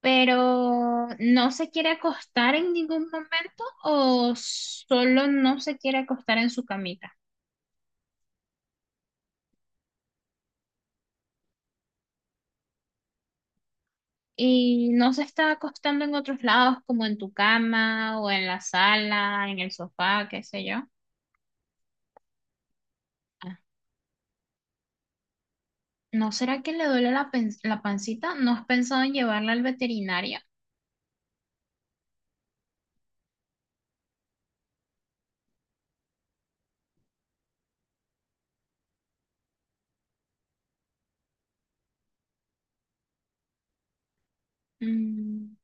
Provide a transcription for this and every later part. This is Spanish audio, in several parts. Pero no se quiere acostar en ningún momento o solo no se quiere acostar en su camita. Y no se está acostando en otros lados, como en tu cama o en la sala, en el sofá, qué sé yo. Ah. ¿No será que le duele la, la pancita? ¿No has pensado en llevarla al veterinario? Mm,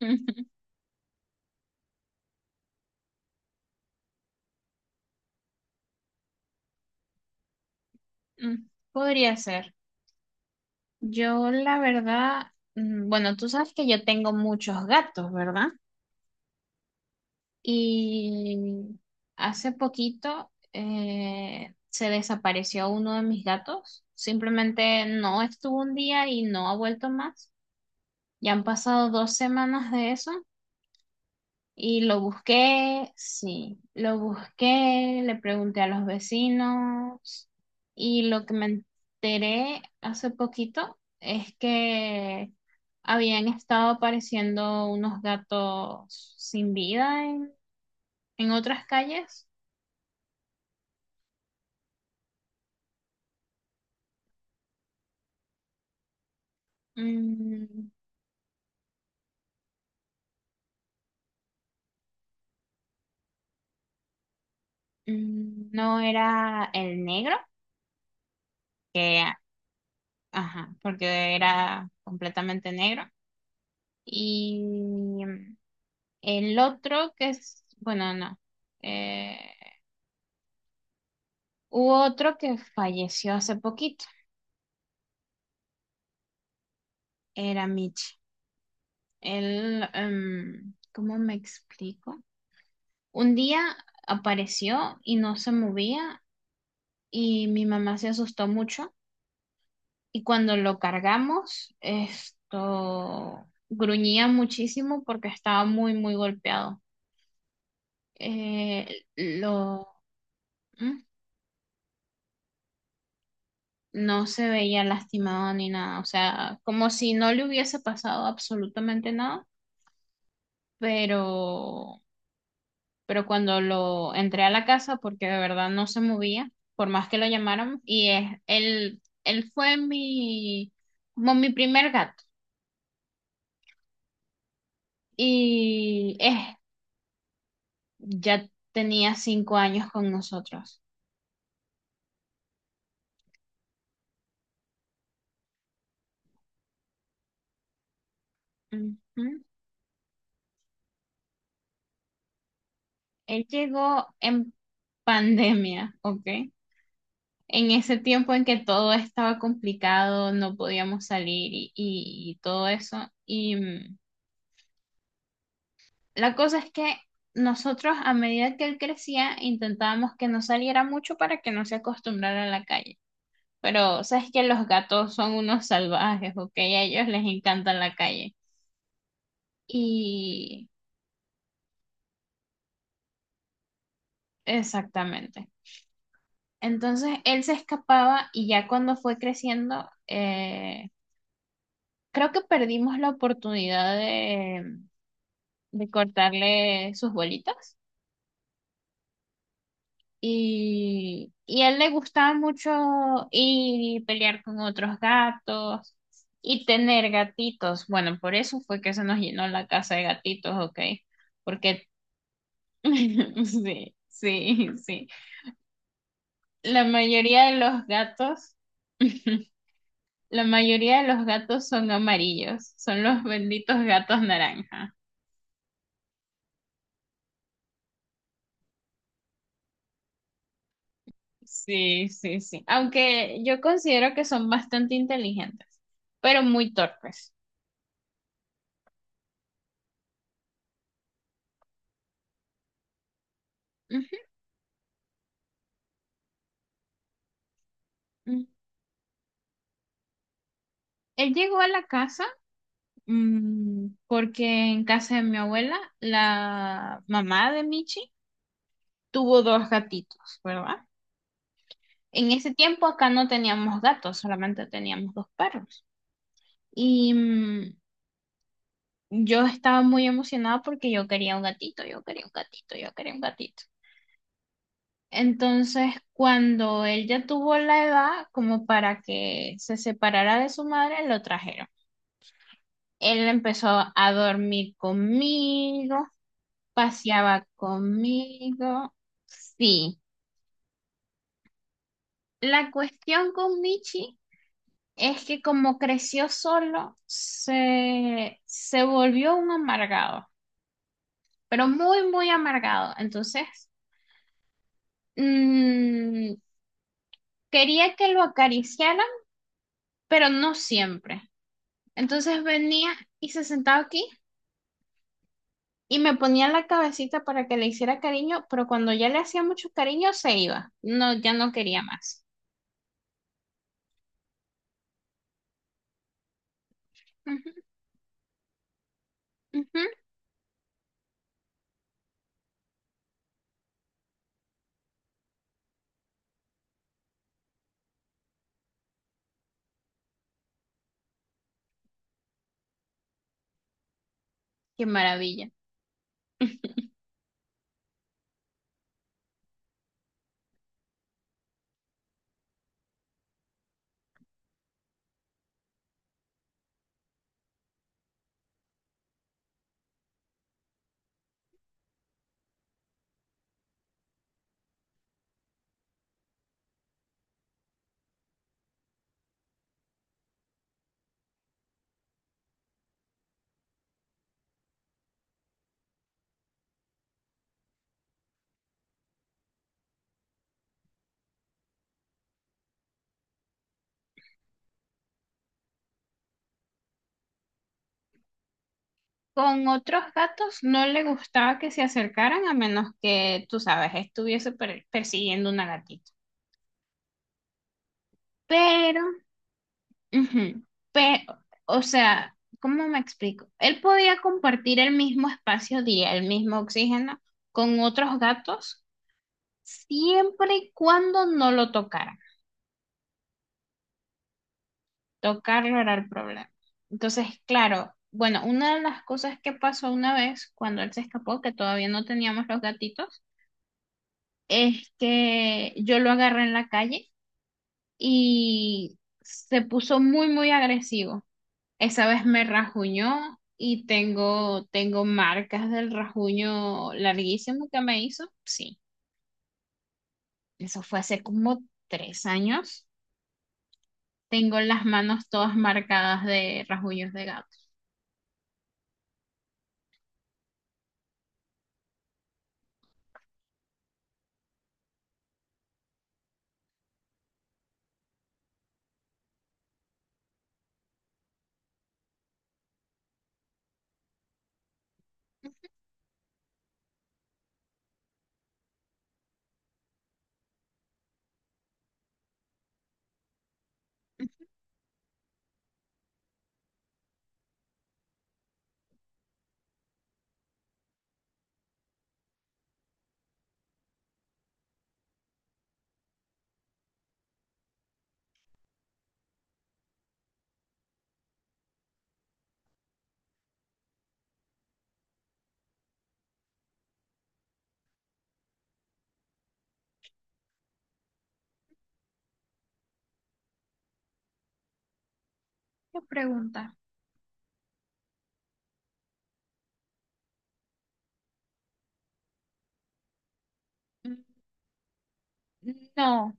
mm, Podría ser. Yo, la verdad, bueno, tú sabes que yo tengo muchos gatos, ¿verdad? Y hace poquito se desapareció uno de mis gatos. Simplemente no estuvo un día y no ha vuelto más. Ya han pasado 2 semanas de eso y lo busqué, sí, lo busqué, le pregunté a los vecinos y lo que me enteré hace poquito es que habían estado apareciendo unos gatos sin vida en otras calles. Mm, no era el negro, que, ajá, porque era completamente negro. Y mm, el otro que es, bueno, no. Eh, Hubo otro que falleció hace poquito, era Mitch. Él, ¿cómo me explico? Un día apareció y no se movía y mi mamá se asustó mucho. Y cuando lo cargamos, esto gruñía muchísimo porque estaba muy, muy golpeado. Eh, lo, ¿Mm? No se veía lastimado ni nada, o sea, como si no le hubiese pasado absolutamente nada, pero, pero cuando lo entré a la casa, porque de verdad no se movía, por más que lo llamaran, él fue como mi primer gato. Y es Ya tenía 5 años con nosotros. Ujú. Él llegó en pandemia, ¿ok? En ese tiempo en que todo estaba complicado, no podíamos salir y todo eso. Y la cosa es que nosotros, a medida que él crecía, intentábamos que no saliera mucho para que no se acostumbrara a la calle. Pero sabes que los gatos son unos salvajes, ¿ok? A ellos les encanta la calle. Y exactamente. Entonces él se escapaba y ya cuando fue creciendo, creo que perdimos la oportunidad de cortarle sus bolitas. Y a él le gustaba mucho ir y pelear con otros gatos y tener gatitos. Bueno, por eso fue que se nos llenó la casa de gatitos, ¿ok? Porque sí, sí, sí. La mayoría de los gatos La mayoría de los gatos son amarillos, son los benditos gatos naranja. Sí, sí, sí. Aunque yo considero que son bastante inteligentes, pero muy torpes. Ujú, ujú. Él llegó a la casa porque en casa de mi abuela, la mamá de Michi tuvo dos gatitos, ¿verdad? En ese tiempo acá no teníamos gatos, solamente teníamos dos perros. Y yo estaba muy emocionada porque yo quería un gatito, yo quería un gatito, yo quería un gatito. Entonces, cuando él ya tuvo la edad como para que se separara de su madre, lo trajeron. Él empezó a dormir conmigo, paseaba conmigo. Sí, la cuestión con Michi es que como creció solo, se volvió un amargado, pero muy, muy amargado. Entonces... mm, quería que lo acariciaran, pero no siempre. Entonces venía y se sentaba aquí y me ponía la cabecita para que le hiciera cariño, pero cuando ya le hacía mucho cariño se iba. No, ya no quería más. Ujú, ujú. Qué maravilla. Con otros gatos no le gustaba que se acercaran a menos que, tú sabes, estuviese persiguiendo una gatita. Pero Ujú. Pero, o sea, ¿cómo me explico? Él podía compartir el mismo espacio, diría, el mismo oxígeno con otros gatos siempre y cuando no lo tocaran. Tocarlo era el problema. Entonces, claro, bueno, una de las cosas que pasó una vez cuando él se escapó, que todavía no teníamos los gatitos, es que yo lo agarré en la calle y se puso muy, muy agresivo. Esa vez me rajuñó y tengo marcas del rajuño larguísimo que me hizo. Sí, eso fue hace como 3 años. Tengo las manos todas marcadas de rajuños de gato. ¿Qué pregunta? Mm, No,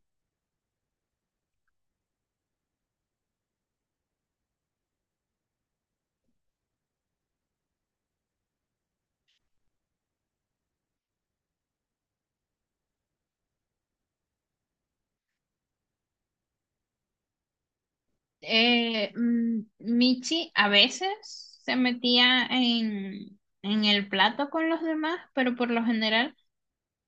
Michi a veces se metía en el plato con los demás, pero por lo general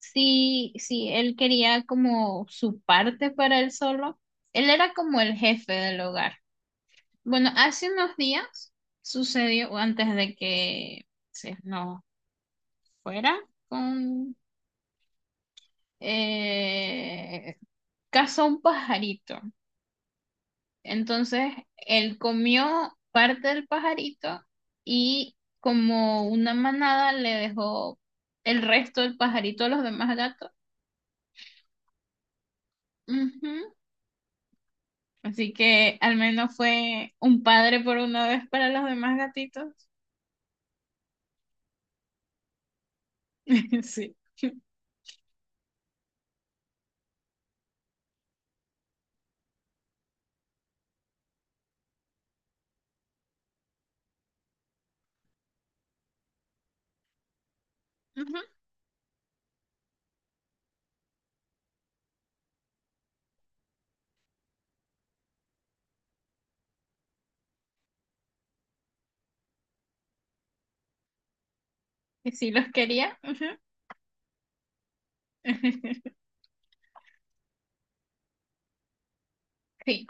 sí, sí, él quería como su parte para él solo. Él era como el jefe del hogar. Bueno, hace unos días sucedió, o antes de que se nos fuera, con eh, cazó un pajarito. Entonces, él comió parte del pajarito y como una manada le dejó el resto del pajarito a los demás gatos. Ujú. Así que al menos fue un padre por una vez para los demás gatitos. Sí. Ujú. Que sí los quería. Ujú. Sí.